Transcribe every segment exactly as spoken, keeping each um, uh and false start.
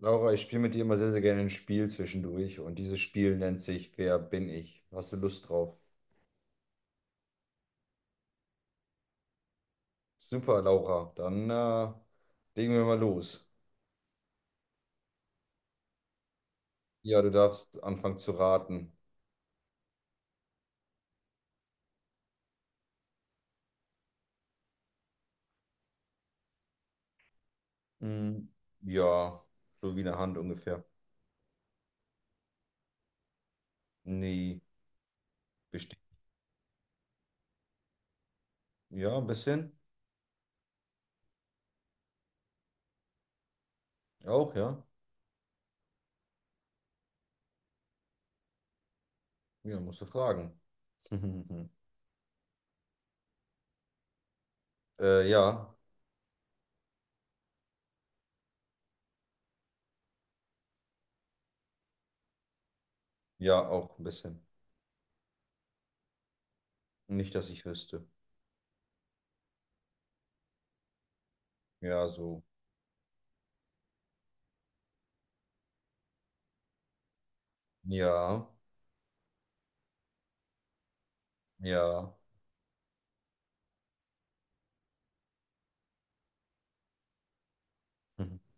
Laura, ich spiele mit dir immer sehr, sehr gerne ein Spiel zwischendurch und dieses Spiel nennt sich: Wer bin ich? Hast du Lust drauf? Super, Laura, dann äh, legen wir mal los. Ja, du darfst anfangen zu raten. Hm, ja, so wie eine Hand ungefähr. Nee, bestimmt. Ja, ein bisschen. Auch, ja. Ja, musst du fragen. Äh, ja, ja, auch ein bisschen. Nicht, dass ich wüsste. Ja, so. Ja, ja.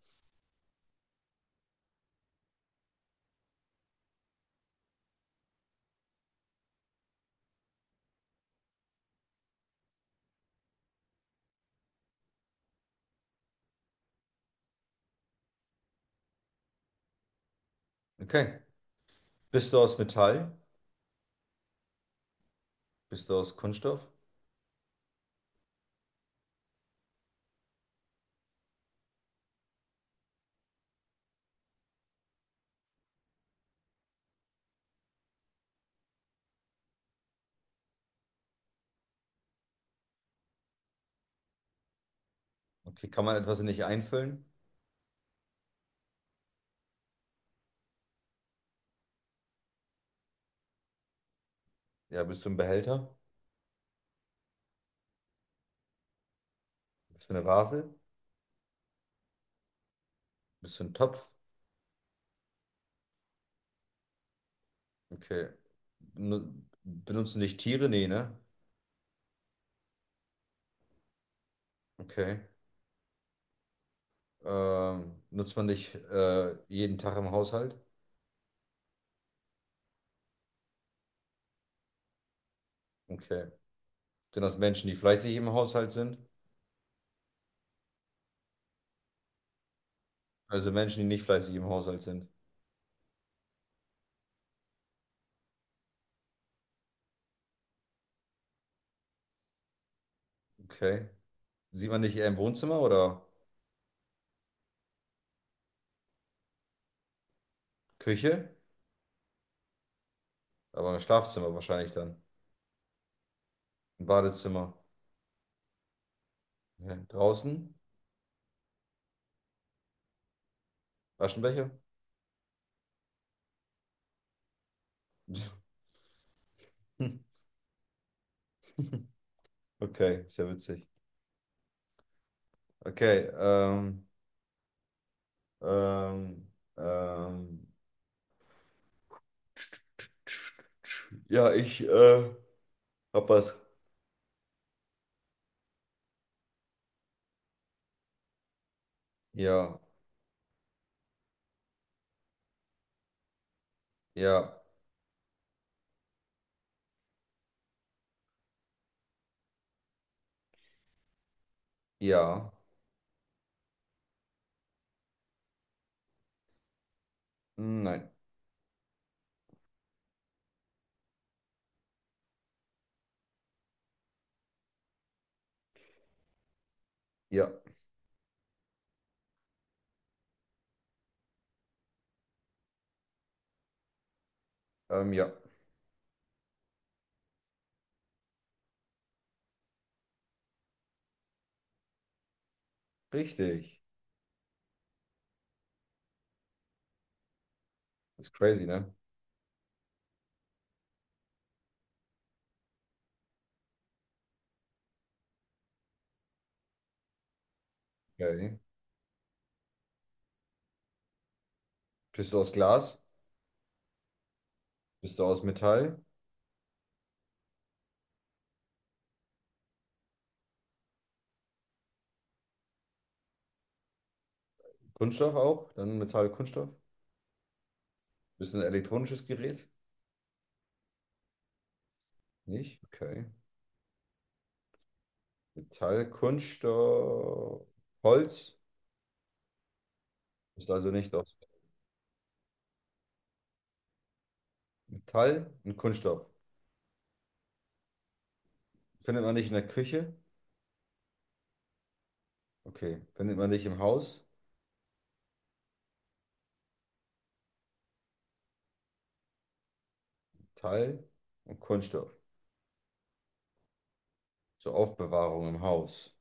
Okay. Bist du aus Metall? Bist du aus Kunststoff? Okay, kann man etwas nicht einfüllen? Ja, bist du ein Behälter? Bist du eine Vase? Bist du ein Topf? Okay. Nu- Benutzen dich Tiere? Nee, ne? Okay. Ähm, nutzt man dich äh, jeden Tag im Haushalt? Okay. Sind das Menschen, die fleißig im Haushalt sind? Also Menschen, die nicht fleißig im Haushalt sind. Okay. Sieht man dich eher im Wohnzimmer oder Küche? Aber im Schlafzimmer wahrscheinlich dann. Im Badezimmer. Okay. Draußen? Aschenbecher? Okay, sehr witzig. Okay, ähm, ähm, ähm, ja, ich äh, hab was. Ja, ja, ja. Hm, nein. Ja. Ähm, ja, richtig. Das ist crazy, ne? Okay. Bist du aus Glas? Bist du aus Metall? Kunststoff auch? Dann Metall, Kunststoff? Bist du ein elektronisches Gerät? Nicht? Okay. Metall, Kunststoff, Holz? Bist also nicht aus Metall und Kunststoff. Findet man nicht in der Küche? Okay. Findet man nicht im Haus? Teil und Kunststoff. Zur Aufbewahrung im Haus,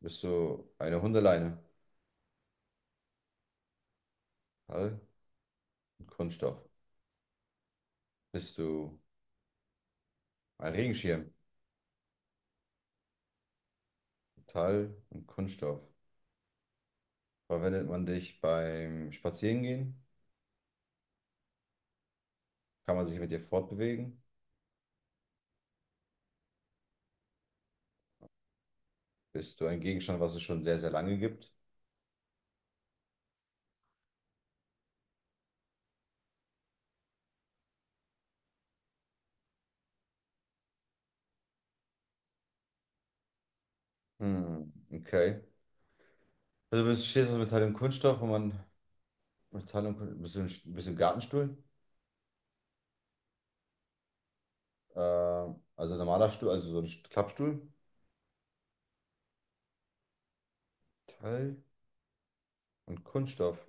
bist du eine Hundeleine? Metall und Kunststoff. Bist du ein Regenschirm? Metall und Kunststoff. Verwendet man dich beim Spazierengehen? Kann man sich mit dir fortbewegen? Bist du ein Gegenstand, was es schon sehr, sehr lange gibt? Hm, okay. Also bist, stehst du aus Metall und Kunststoff, wo man Metall und Kunststoff. Bist du ein, Sch- bist du ein Gartenstuhl? Äh, also ein normaler Stuhl, also so ein St- Klappstuhl. Metall und Kunststoff.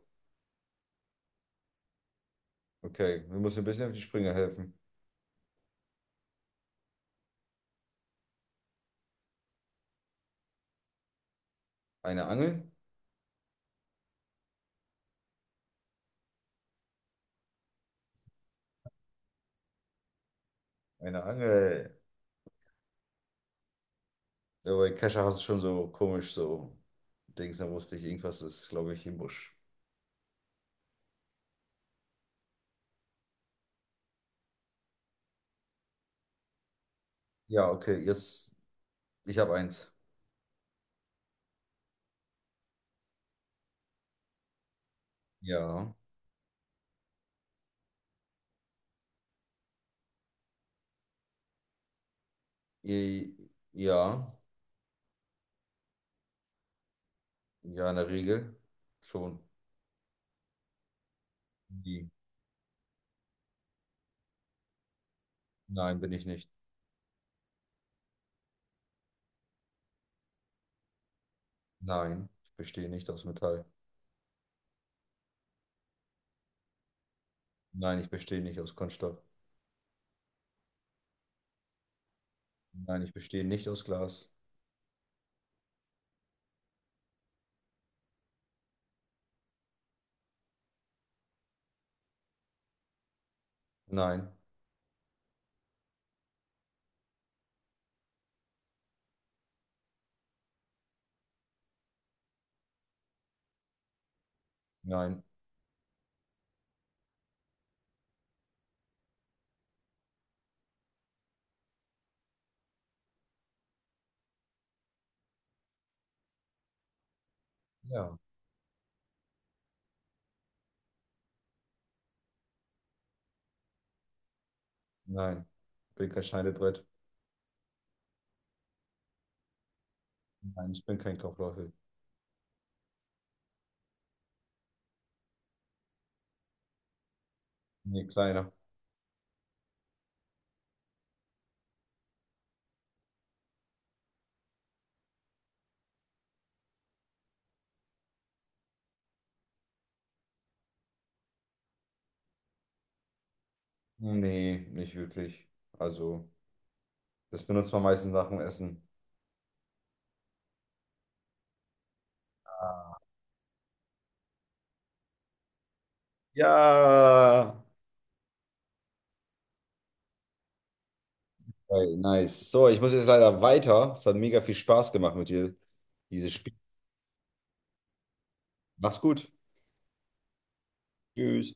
Okay, wir müssen ein bisschen auf die Sprünge helfen. Eine Angel? Eine Angel. Ja, bei Kescher hast du schon so komisch so Dings, da wusste ich, irgendwas ist, glaube ich, im Busch. Ja, okay, jetzt, ich habe eins. Ja. I, ja. Ja, in der Regel. Schon. Nie. Nein, bin ich nicht. Nein, ich bestehe nicht aus Metall. Nein, ich bestehe nicht aus Kunststoff. Nein, ich bestehe nicht aus Glas. Nein, nein, ja, nein. Ich bin kein Schneidebrett. Nein, ich bin kein Kochlöffel. Nee, kleiner. Nee, nicht wirklich. Also, das benutzt man meistens nach dem Essen. Ja. Hey, nice. So, ich muss jetzt leider weiter. Es hat mega viel Spaß gemacht mit dir, dieses Spiel. Mach's gut. Tschüss.